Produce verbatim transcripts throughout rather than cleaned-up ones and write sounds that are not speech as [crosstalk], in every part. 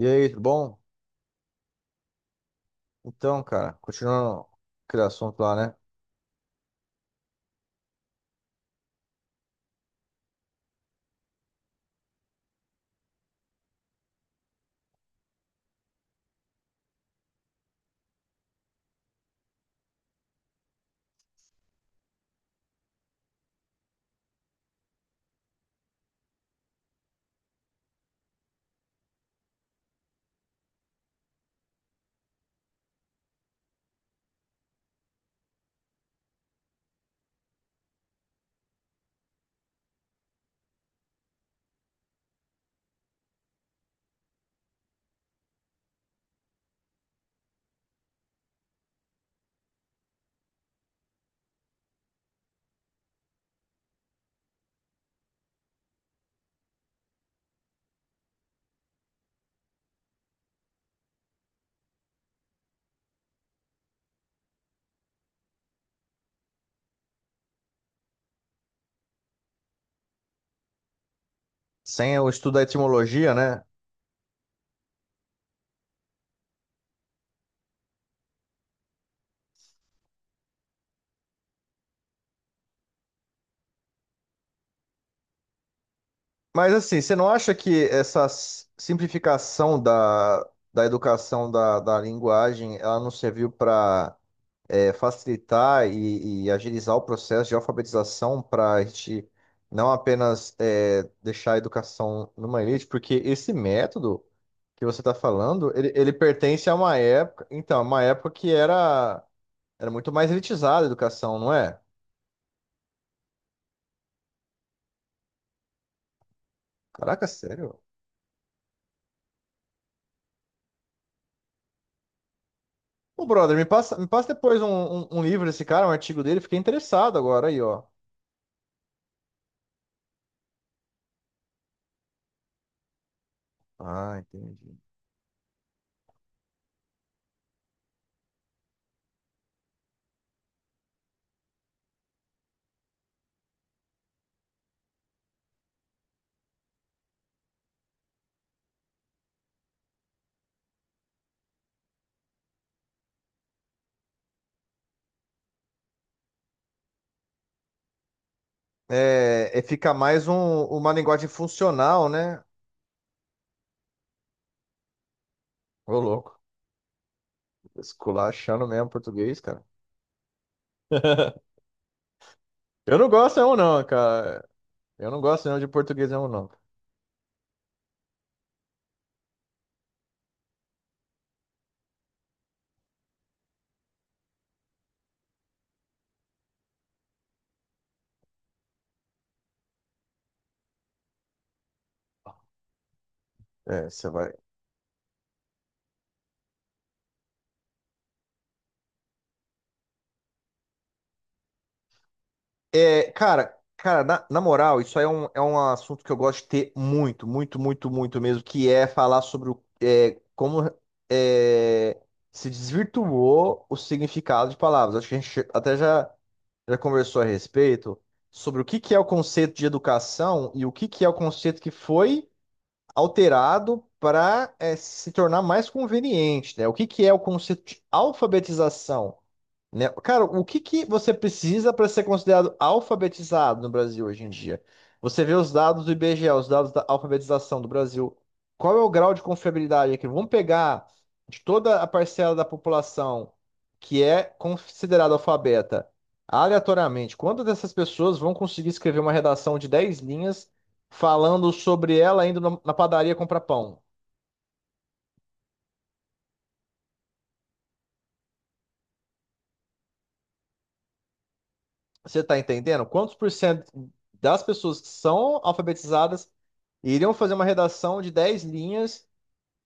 E aí, tudo bom? Então, cara, continuando aquele assunto lá, né? Sem o estudo da etimologia, né? Mas assim, você não acha que essa s- simplificação da, da educação da, da linguagem, ela não serviu para facilitar e, e agilizar o processo de alfabetização para a gente não apenas é, deixar a educação numa elite? Porque esse método que você está falando, ele, ele pertence a uma época, então, uma época que era Era muito mais elitizada a educação, não é? Caraca, sério. Ô, brother, me passa, me passa depois um, um- um livro desse cara, um artigo dele. Fiquei interessado agora aí, ó. Ah, entendi. É, é, fica mais um, uma linguagem funcional, né? Ô, louco. Esculachando mesmo português, cara. [laughs] Eu não gosto não, não, cara. Eu não gosto não de português não, não. É, você vai. É, cara, cara, na, na moral, isso aí é um, é um assunto que eu gosto de ter muito, muito, muito, muito mesmo, que é falar sobre o, é, como é, se desvirtuou o significado de palavras. Acho que a gente até já, já conversou a respeito sobre o que que é o conceito de educação e o que que é o conceito que foi alterado para se tornar mais conveniente, né? O que que é o conceito de alfabetização? Né? Cara, o que que você precisa para ser considerado alfabetizado no Brasil hoje em dia? Você vê os dados do I B G E, os dados da alfabetização do Brasil. Qual é o grau de confiabilidade aqui? Vamos pegar de toda a parcela da população que é considerada alfabeta, aleatoriamente, quantas dessas pessoas vão conseguir escrever uma redação de dez linhas falando sobre ela indo na na padaria comprar pão? Você está entendendo? Quantos por cento das pessoas que são alfabetizadas iriam fazer uma redação de dez linhas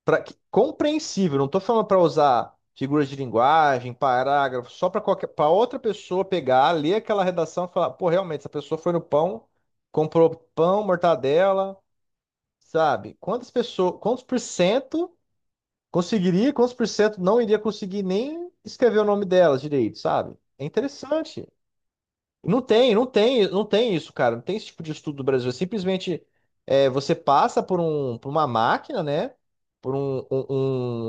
para compreensível? Não estou falando para usar figuras de linguagem, parágrafo, só para qualquer, para outra pessoa pegar, ler aquela redação e falar, pô, realmente, essa pessoa foi no pão, comprou pão, mortadela, sabe? Quantas pessoas, quantos por cento conseguiria, quantos por cento não iria conseguir nem escrever o nome delas direito, sabe? É interessante. Não tem, não tem, não tem isso, cara. Não tem esse tipo de estudo do Brasil. É simplesmente é, você passa por um, por uma máquina, né? Por um, um-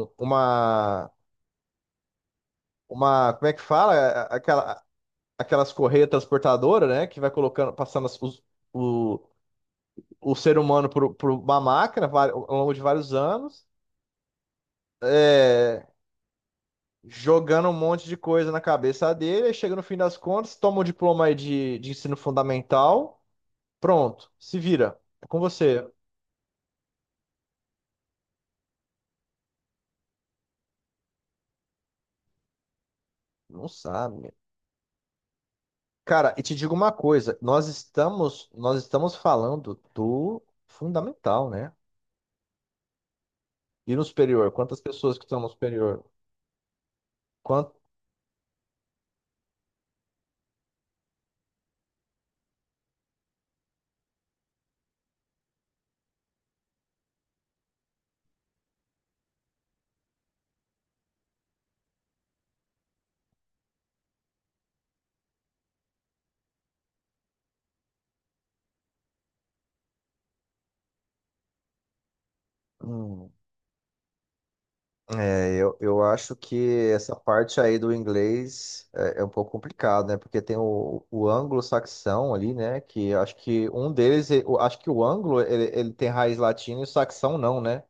um- uma, uma, Como é que fala? A- Aquela, aquelas correias transportadoras, né? Que vai colocando, passando as- os- o, o ser humano por, por uma máquina vari- ao longo de vários anos, é, jogando um monte de coisa na cabeça dele. Aí chega no fim das contas, toma o diploma aí de, de ensino fundamental. Pronto, se vira. É com você. Não sabe. Meu. Cara, e te digo uma coisa, nós estamos, nós estamos falando do fundamental, né? E no superior, quantas pessoas que estão no superior? Quanto... Hum, é, eu, eu acho que essa parte aí do inglês é, é um pouco complicado, né? Porque tem o, o anglo-saxão ali, né? Que eu acho que um deles, eu acho que o anglo ele, ele tem raiz latina e o saxão não, né?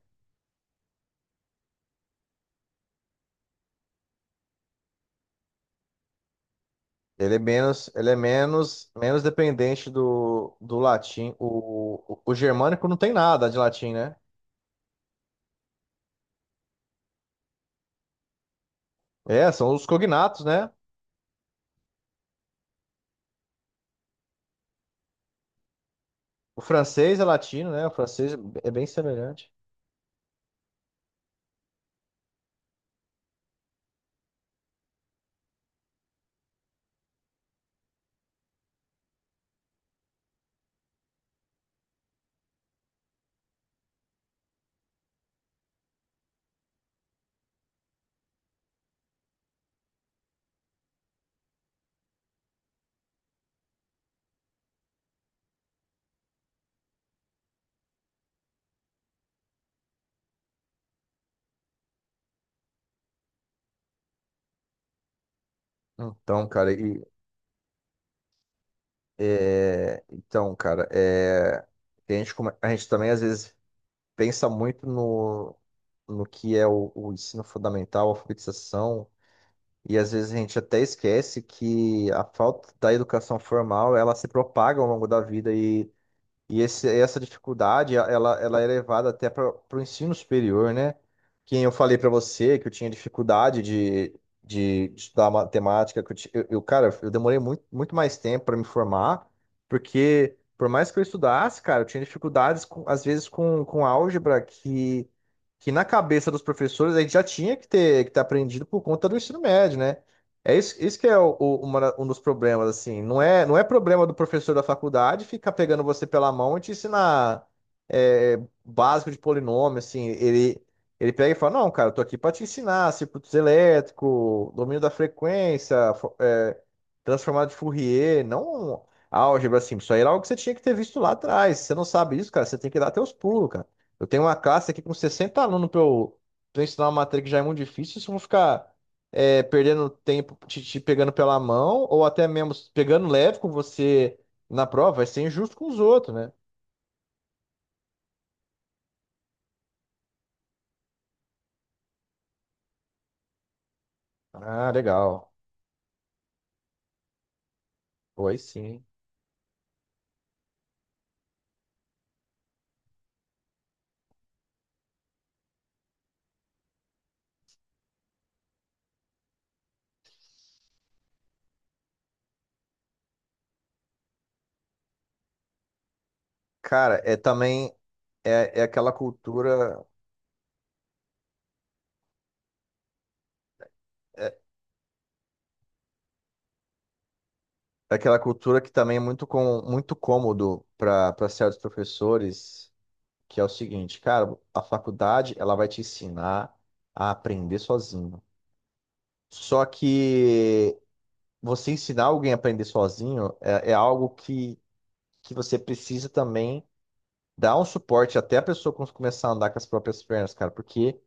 Ele é menos, ele é menos, menos dependente do, do latim. O, o, o germânico não tem nada de latim, né? É, são os cognatos, né? O francês é latino, né? O francês é bem semelhante. Então, cara, e, é, então, cara, é, a gente, come- a gente também às vezes pensa muito no, no que é o, o ensino fundamental, a alfabetização, e às vezes a gente até esquece que a falta da educação formal, ela se propaga ao longo da vida. E esse, essa dificuldade, ela, ela é levada até para o ensino superior, né? Quem eu falei para você que eu tinha dificuldade de, de, de estudar matemática, que eu, ti- eu, eu, cara, eu demorei muito, muito mais tempo para me formar, porque por mais que eu estudasse, cara, eu tinha dificuldades, com, às vezes, com, com álgebra que, que na cabeça dos professores a gente já tinha que ter, que ter aprendido por conta do ensino médio, né? É isso, isso que é o- o- uma da- um dos problemas, assim. Não é, não é problema do professor da faculdade ficar pegando você pela mão e te ensinar é, básico de polinômio, assim. Ele, ele pega e fala, não, cara, eu tô aqui pra te ensinar circuitos elétricos, domínio da frequência, fo- é, transformado de Fourier, não álgebra, assim. Isso aí era algo que você tinha que ter visto lá atrás. Se você não sabe isso, cara, você tem que dar teus pulos, cara. Eu tenho uma classe aqui com sessenta alunos pra eu, pra eu ensinar uma matéria que já é muito difícil. Se eu vou ficar é, perdendo tempo, te, te pegando pela mão, ou até mesmo pegando leve com você na prova, vai ser injusto com os outros, né? Ah, legal. Pois sim. Cara, é também é, é aquela cultura, é, é aquela cultura que também é muito com, muito cômodo para para certos professores, que é o seguinte, cara, a faculdade ela vai te ensinar a aprender sozinho. Só que você ensinar alguém a aprender sozinho é, é algo que que você precisa também dar um suporte até a pessoa cons- começar a andar com as próprias pernas, cara, porque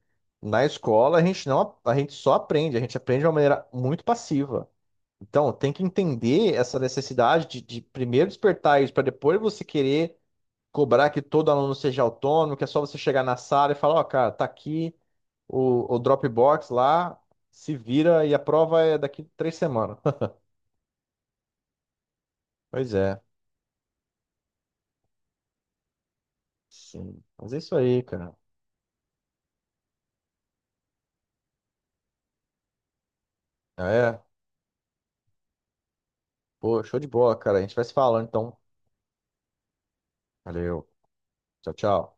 na escola a gente não, a gente só aprende, a gente aprende de uma maneira muito passiva. Então, tem que entender essa necessidade de, de primeiro despertar isso, para depois você querer cobrar que todo aluno seja autônomo, que é só você chegar na sala e falar, ó, cara, tá aqui o, o Dropbox lá, se vira e a prova é daqui três semanas. [laughs] Pois é, sim. Mas é isso aí, cara. É, Pô, show de bola, cara. A gente vai se falando, então. Valeu. Tchau, tchau.